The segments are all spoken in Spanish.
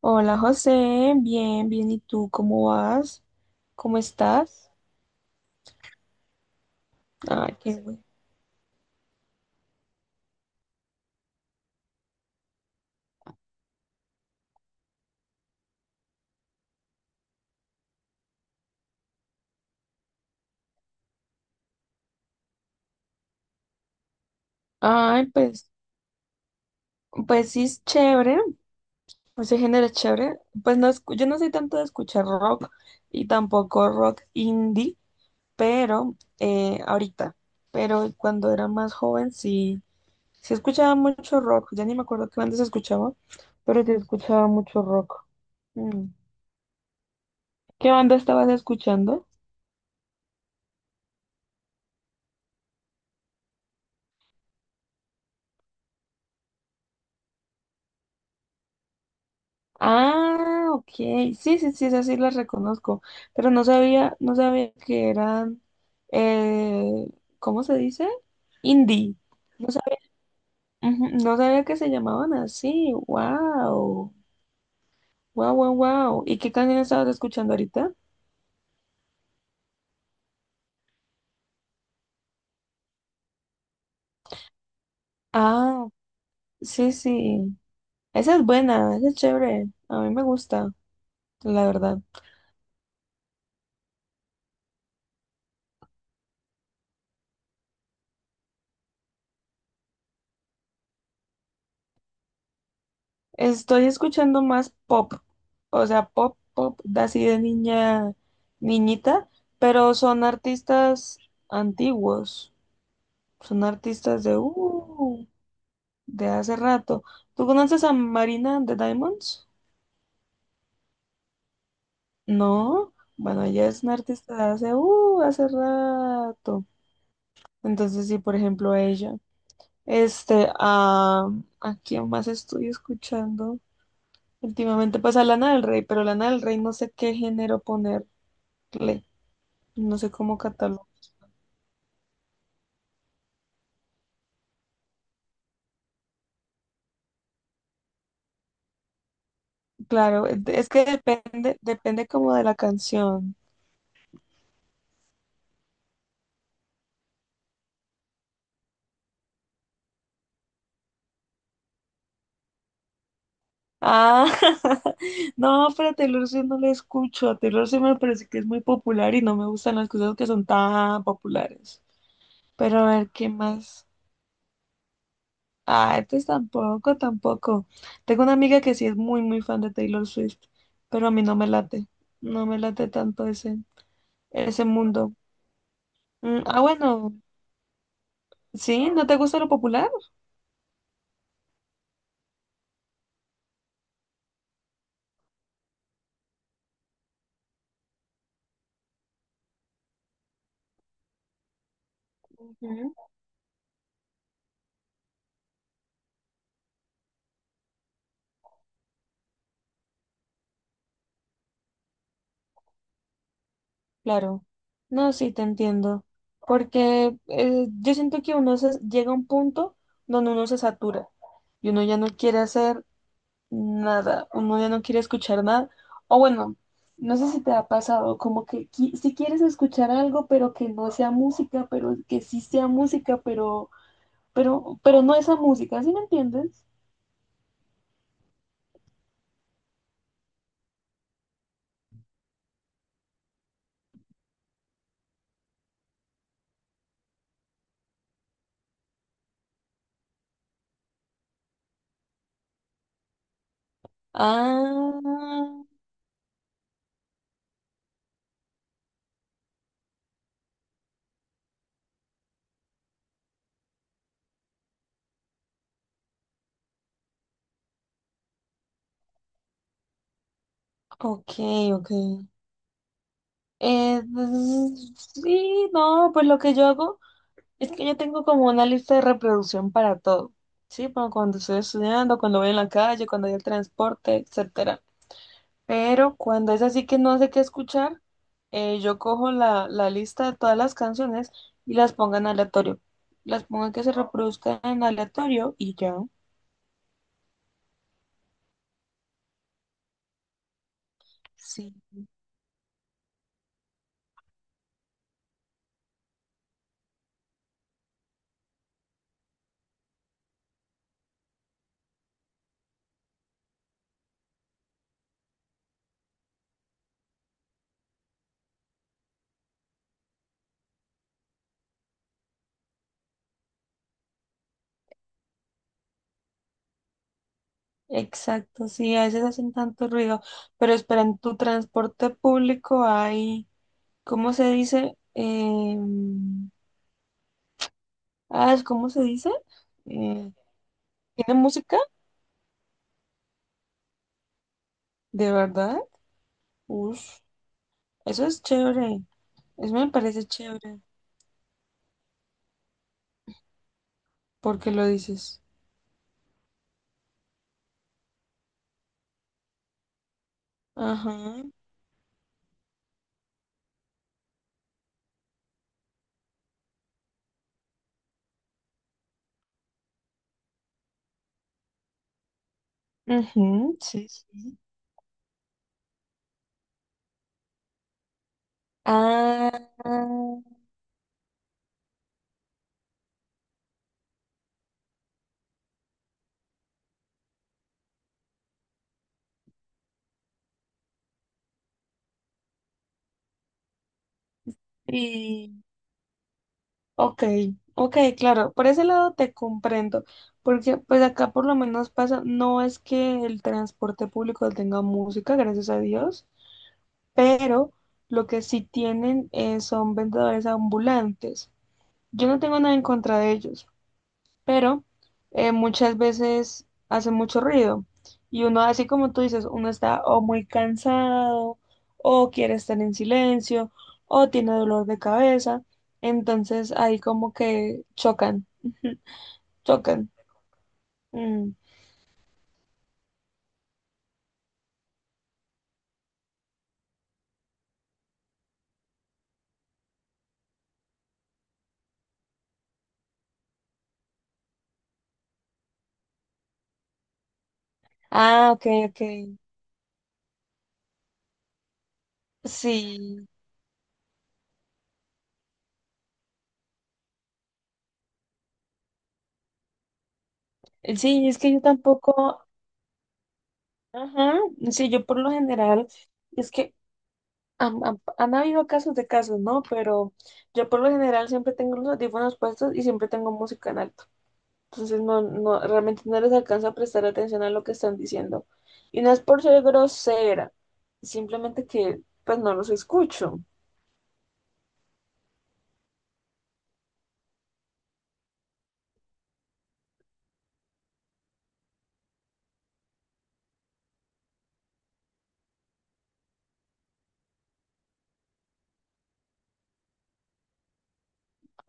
Hola José, bien, bien, ¿y tú cómo vas? ¿Cómo estás? Ay, qué bueno. Ay, pues, pues sí es chévere, ese género es chévere. Pues no, yo no soy tanto de escuchar rock y tampoco rock indie, pero ahorita, pero cuando era más joven sí, sí escuchaba mucho rock, ya ni me acuerdo qué bandas escuchaba, pero sí escuchaba mucho rock. Mm. ¿Qué banda estabas escuchando? Ah, ok. Sí, sí, sí, esas sí las reconozco, pero no sabía que eran, eh, ¿cómo se dice? Indie. No sabía, no sabía que se llamaban así. Wow. Wow, wow, wow. ¿Y qué canción estabas escuchando ahorita? Ah, sí, sí. Esa es buena, esa es chévere. A mí me gusta, la verdad. Estoy escuchando más pop, o sea, pop, pop, de así de niña, niñita, pero son artistas antiguos, son artistas de hace rato. ¿Tú conoces a Marina de Diamonds? No, bueno, ella es una artista de hace, hace rato. Entonces, sí, por ejemplo, ella. Este, ah, ¿a quién más estoy escuchando? Últimamente, pues a Lana del Rey, pero Lana del Rey no sé qué género ponerle. No sé cómo catalogo. Claro, es que depende, depende como de la canción. Ah, no, pero a Taylor Swift no la escucho. A Taylor Swift me parece que es muy popular y no me gustan las cosas que son tan populares. Pero a ver, ¿qué más? Ah, entonces tampoco, tampoco. Tengo una amiga que sí es muy, muy fan de Taylor Swift, pero a mí no me late. No me late tanto ese, ese mundo. Mm, ah, bueno, ¿sí? ¿No te gusta lo popular? Claro, no, sí te entiendo, porque yo siento que llega a un punto donde uno se satura y uno ya no quiere hacer nada, uno ya no quiere escuchar nada, o bueno, no sé si te ha pasado, como que si quieres escuchar algo, pero que no sea música, pero que sí sea música, pero, pero no esa música, ¿sí me entiendes? Ah, ok, ok. Sí, no, pues lo que yo hago. Es que yo tengo como una lista de reproducción para todo, ¿sí? Para cuando estoy estudiando, cuando voy en la calle, cuando hay el transporte, etcétera. Pero cuando es así que no sé qué escuchar, yo cojo la lista de todas las canciones y las pongo en aleatorio. Las pongo que se reproduzcan en aleatorio y ya. Sí. Exacto, sí, a veces hacen tanto ruido. Pero espera, en tu transporte público hay, ¿cómo se dice? ¿Cómo se dice? Eh, ¿Tiene música? ¿De verdad? Ush, eso es chévere. Eso me parece chévere. ¿Por qué lo dices? Ajá. Ujú, sí, sí. Ah, y... Ok, ok, claro. Por ese lado te comprendo. Porque pues acá por lo menos pasa, no es que el transporte público tenga música, gracias a Dios, pero lo que sí tienen son vendedores ambulantes. Yo no tengo nada en contra de ellos, pero muchas veces hace mucho ruido. Y uno, así como tú dices, uno está o muy cansado, o quiere estar en silencio, o tiene dolor de cabeza. Entonces ahí como que chocan, chocan. Mm. Ah, ok, ok. Sí, sí, es que yo tampoco, ajá, sí, yo por lo general, es que han habido casos de casos, ¿no? Pero yo por lo general siempre tengo los audífonos puestos y siempre tengo música en alto. Entonces no, no, realmente no les alcanza a prestar atención a lo que están diciendo. Y no es por ser grosera, simplemente que pues no los escucho.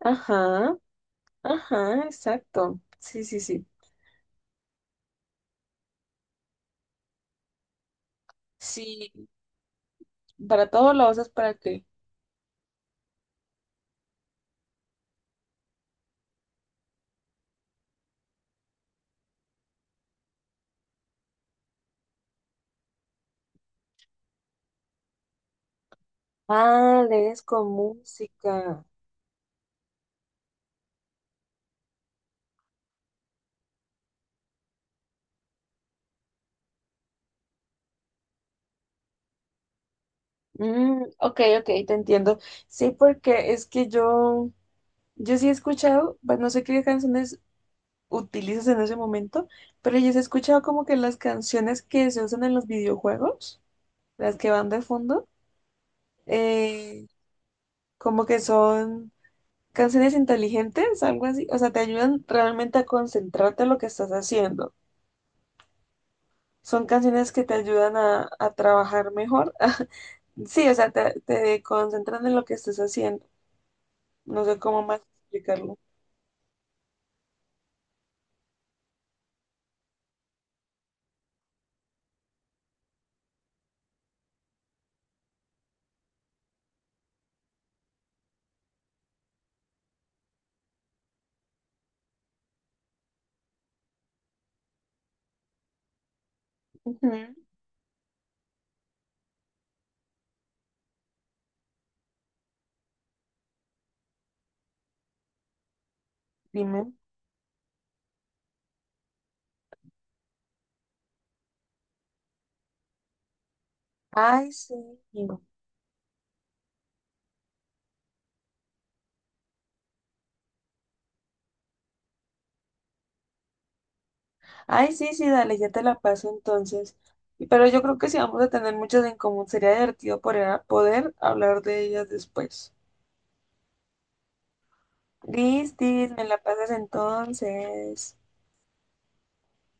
Ajá, ajá, exacto. Sí, sí, sí. Sí, para todos lo usas para qué. Ah, lees con música. Mm, ok, ok, te entiendo. Sí, porque es que yo sí he escuchado, pues no sé qué canciones utilizas en ese momento, pero yo sí he escuchado como que las canciones que se usan en los videojuegos, las que van de fondo, eh, como que son canciones inteligentes, algo así, o sea, te ayudan realmente a concentrarte en lo que estás haciendo. Son canciones que te ayudan a trabajar mejor. Sí, o sea, te concentran en lo que estás haciendo. No sé cómo más explicarlo. Ujú. Dime. Ay, sí. Ay, sí, sí, dale, ya te la paso entonces. Y- Pero yo creo que si vamos a tener muchas en común, sería divertido poder, poder hablar de ellas después. Listis, me la pasas entonces.